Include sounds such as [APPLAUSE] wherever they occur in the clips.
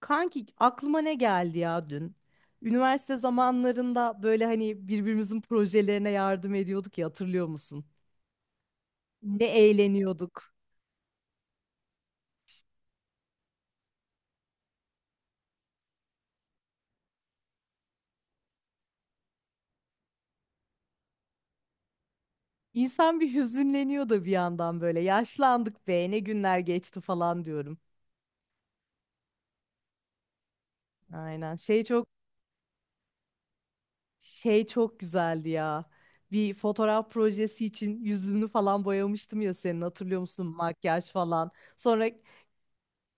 Kanki aklıma ne geldi ya dün? Üniversite zamanlarında böyle hani birbirimizin projelerine yardım ediyorduk ya hatırlıyor musun? Ne eğleniyorduk. İnsan bir hüzünleniyor da bir yandan böyle yaşlandık be ne günler geçti falan diyorum. Aynen şey çok çok güzeldi ya. Bir fotoğraf projesi için yüzünü falan boyamıştım ya senin hatırlıyor musun? Makyaj falan. Sonra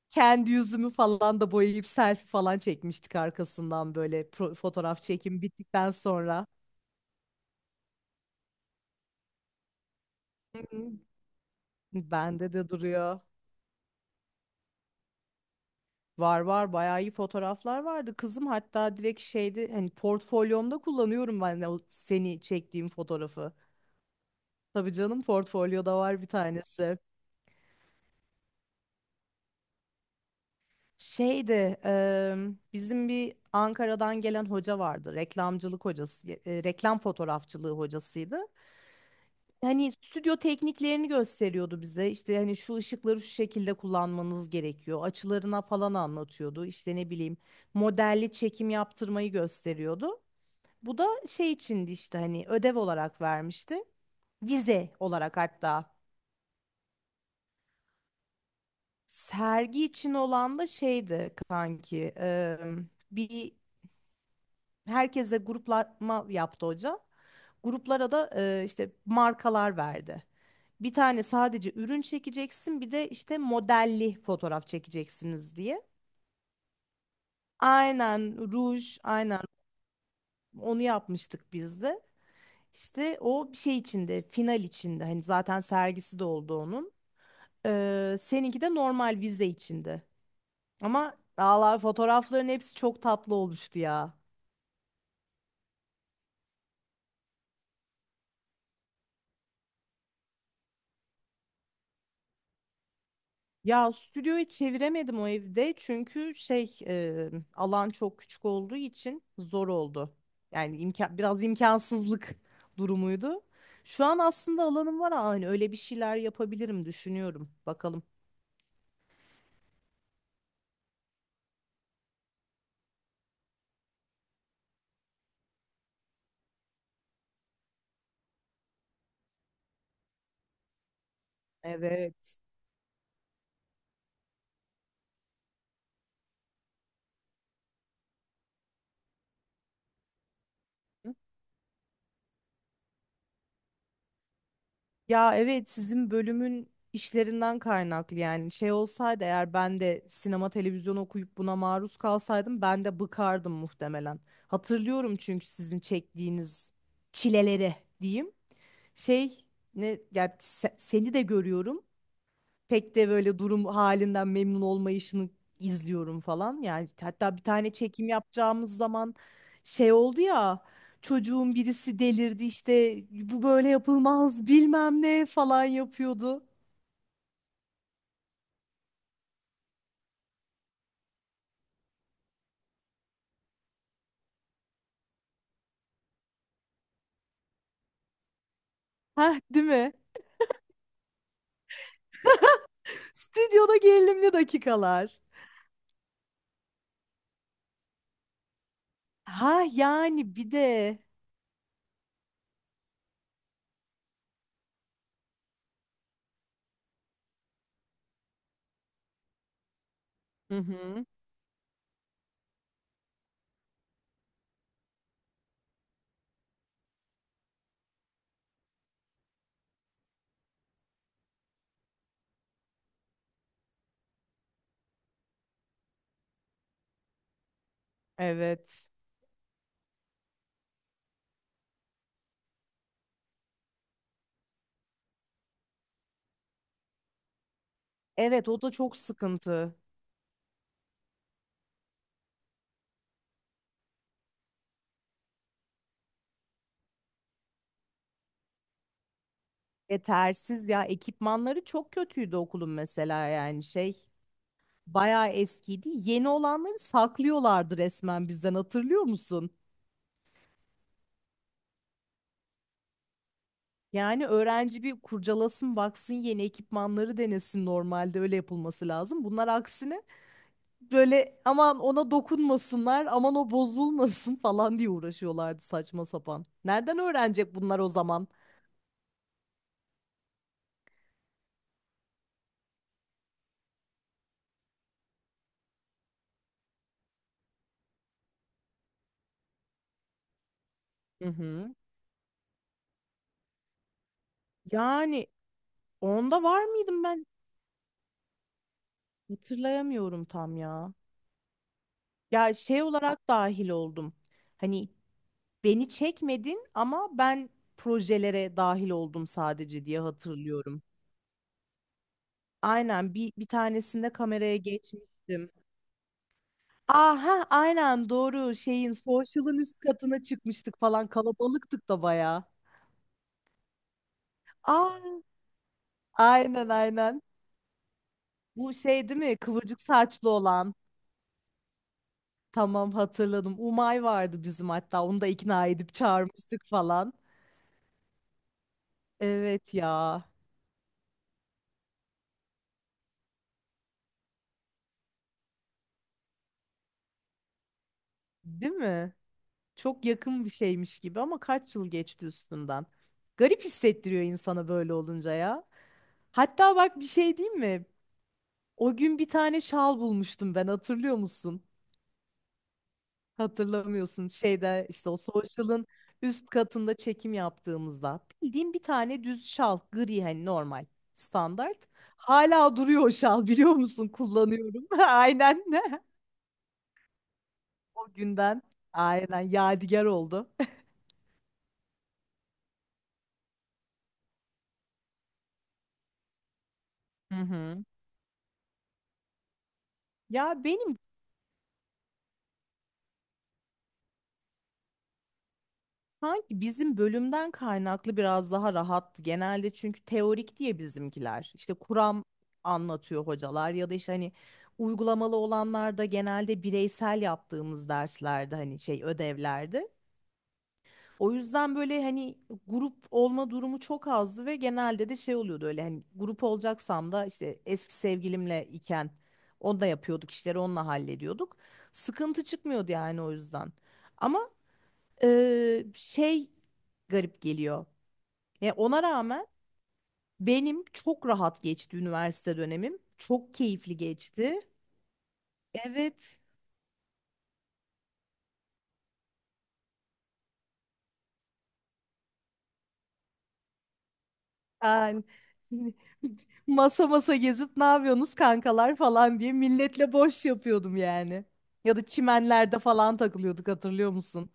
kendi yüzümü falan da boyayıp selfie falan çekmiştik arkasından böyle fotoğraf çekim bittikten sonra. Hı. Bende de duruyor. Var, bayağı iyi fotoğraflar vardı. Kızım hatta direkt şeydi, hani portfolyomda kullanıyorum ben de o seni çektiğim fotoğrafı. Tabii canım, portfolyoda var bir tanesi. Şeyde bizim bir Ankara'dan gelen hoca vardı. Reklamcılık hocası, reklam fotoğrafçılığı hocasıydı. Hani stüdyo tekniklerini gösteriyordu bize. İşte hani şu ışıkları şu şekilde kullanmanız gerekiyor. Açılarına falan anlatıyordu. İşte ne bileyim, modelli çekim yaptırmayı gösteriyordu. Bu da şey içindi, işte hani ödev olarak vermişti. Vize olarak hatta. Sergi için olan da şeydi kanki. Bir herkese gruplama yaptı hoca. Gruplara da işte markalar verdi. Bir tane sadece ürün çekeceksin, bir de işte modelli fotoğraf çekeceksiniz diye. Aynen ruj, aynen, onu yapmıştık biz de. İşte o bir şey içinde, final içinde. Hani zaten sergisi de oldu onun. Seninki de normal vize içinde. Ama Allah fotoğrafların hepsi çok tatlı olmuştu ya. Ya stüdyoyu çeviremedim o evde çünkü şey alan çok küçük olduğu için zor oldu. Yani imkan, biraz imkansızlık [LAUGHS] durumuydu. Şu an aslında alanım var, aynı öyle bir şeyler yapabilirim düşünüyorum. Bakalım. Evet. Ya evet, sizin bölümün işlerinden kaynaklı, yani şey olsaydı eğer, ben de sinema televizyon okuyup buna maruz kalsaydım ben de bıkardım muhtemelen. Hatırlıyorum çünkü sizin çektiğiniz çileleri diyeyim. Şey ne ya, seni de görüyorum. Pek de böyle durum halinden memnun olmayışını izliyorum falan. Yani hatta bir tane çekim yapacağımız zaman şey oldu ya, çocuğun birisi delirdi, işte bu böyle yapılmaz bilmem ne falan yapıyordu. Heh, değil mi? Stüdyoda gerilimli dakikalar. Ha yani bir de. Hı hı. Evet. Evet, o da çok sıkıntı. Yetersiz ya, ekipmanları çok kötüydü okulun mesela, yani şey bayağı eskiydi. Yeni olanları saklıyorlardı resmen bizden, hatırlıyor musun? Yani öğrenci bir kurcalasın baksın, yeni ekipmanları denesin, normalde öyle yapılması lazım. Bunlar aksine böyle aman ona dokunmasınlar, aman o bozulmasın [LAUGHS] falan diye uğraşıyorlardı saçma sapan. Nereden öğrenecek bunlar o zaman? Hı hı. Yani onda var mıydım ben? Hatırlayamıyorum tam ya. Ya şey olarak dahil oldum. Hani beni çekmedin ama ben projelere dahil oldum sadece diye hatırlıyorum. Aynen bir tanesinde kameraya geçmiştim. Aha aynen, doğru, şeyin social'ın üst katına çıkmıştık falan, kalabalıktık da bayağı. Aa, aynen. Bu şey değil mi, kıvırcık saçlı olan. Tamam, hatırladım. Umay vardı bizim, hatta onu da ikna edip çağırmıştık falan. Evet ya. Değil mi? Çok yakın bir şeymiş gibi ama kaç yıl geçti üstünden. Garip hissettiriyor insana böyle olunca ya. Hatta bak, bir şey diyeyim mi? O gün bir tane şal bulmuştum ben, hatırlıyor musun? Hatırlamıyorsun. Şeyde işte o social'ın üst katında çekim yaptığımızda. Bildiğim bir tane düz şal, gri, hani normal standart. Hala duruyor o şal, biliyor musun? Kullanıyorum. [LAUGHS] Aynen. [LAUGHS] O günden aynen yadigar oldu. Hı hı. Ya benim, sanki bizim bölümden kaynaklı biraz daha rahattı genelde, çünkü teorik diye bizimkiler işte kuram anlatıyor hocalar, ya da işte hani uygulamalı olanlar da genelde bireysel yaptığımız derslerde, hani şey ödevlerde. O yüzden böyle hani grup olma durumu çok azdı ve genelde de şey oluyordu öyle, hani grup olacaksam da işte eski sevgilimle iken onunla yapıyorduk işleri, onunla hallediyorduk. Sıkıntı çıkmıyordu yani, o yüzden. Ama şey garip geliyor. Ve ona rağmen benim çok rahat geçti üniversite dönemim. Çok keyifli geçti. Evet. Yani [LAUGHS] masa masa gezip ne yapıyorsunuz kankalar falan diye milletle boş yapıyordum yani. Ya da çimenlerde falan takılıyorduk, hatırlıyor musun?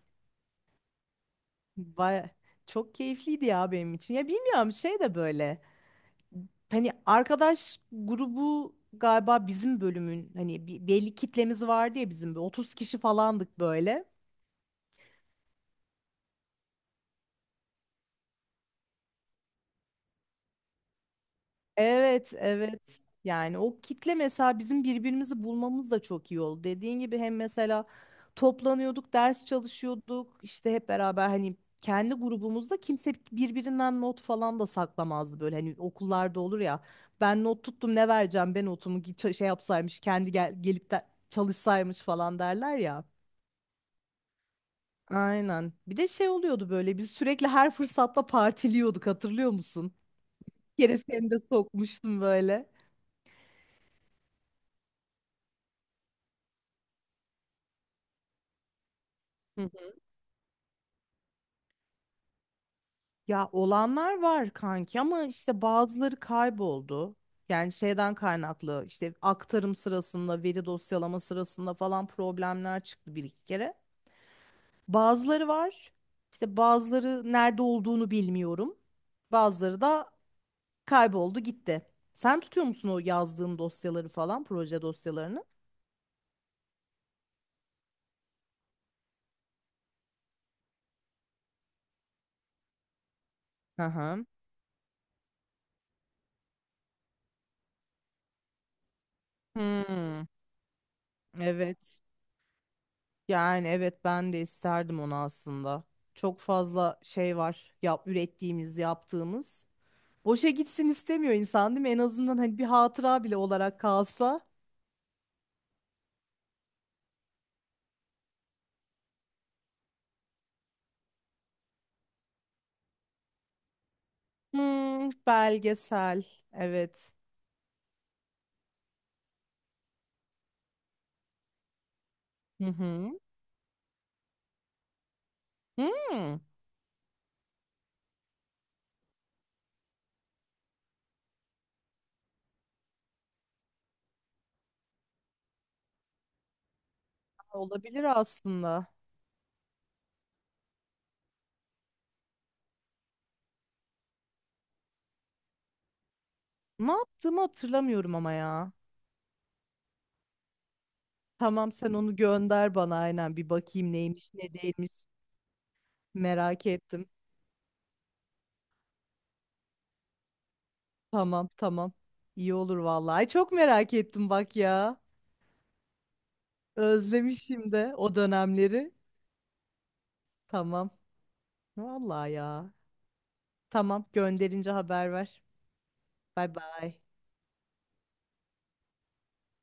Baya çok keyifliydi ya benim için. Ya bilmiyorum, şey de böyle. Hani arkadaş grubu galiba, bizim bölümün hani belli kitlemiz vardı ya, bizim 30 kişi falandık böyle. Evet, evet. Yani o kitle mesela bizim birbirimizi bulmamız da çok iyi oldu. Dediğin gibi hem mesela toplanıyorduk, ders çalışıyorduk. İşte hep beraber, hani kendi grubumuzda kimse birbirinden not falan da saklamazdı böyle. Hani okullarda olur ya. Ben not tuttum, ne vereceğim ben notumu, git şey yapsaymış kendi, gel gelip de çalışsaymış falan derler ya. Aynen. Bir de şey oluyordu böyle, biz sürekli her fırsatta partiliyorduk, hatırlıyor musun? Bir kere seni de sokmuştum böyle. Ya olanlar var kanki ama işte bazıları kayboldu. Yani şeyden kaynaklı, işte aktarım sırasında, veri dosyalama sırasında falan problemler çıktı bir iki kere. Bazıları var. İşte bazıları nerede olduğunu bilmiyorum. Bazıları da kayboldu gitti. Sen tutuyor musun o yazdığın dosyaları falan, proje dosyalarını? Aha. Hmm, evet. Yani evet, ben de isterdim onu aslında. Çok fazla şey var yap ürettiğimiz, yaptığımız. Boşa gitsin istemiyor insan, değil mi? En azından hani bir hatıra bile olarak kalsa. Hmm, belgesel. Evet. Hı hı. Hmm, olabilir aslında. Ne yaptığımı hatırlamıyorum ama ya. Tamam, sen onu gönder bana, aynen bir bakayım neymiş ne değilmiş. Merak ettim. Tamam tamam. İyi olur vallahi. Ay, çok merak ettim bak ya. Özlemişim de o dönemleri. Tamam. Vallahi ya. Tamam, gönderince haber ver. Bay bay.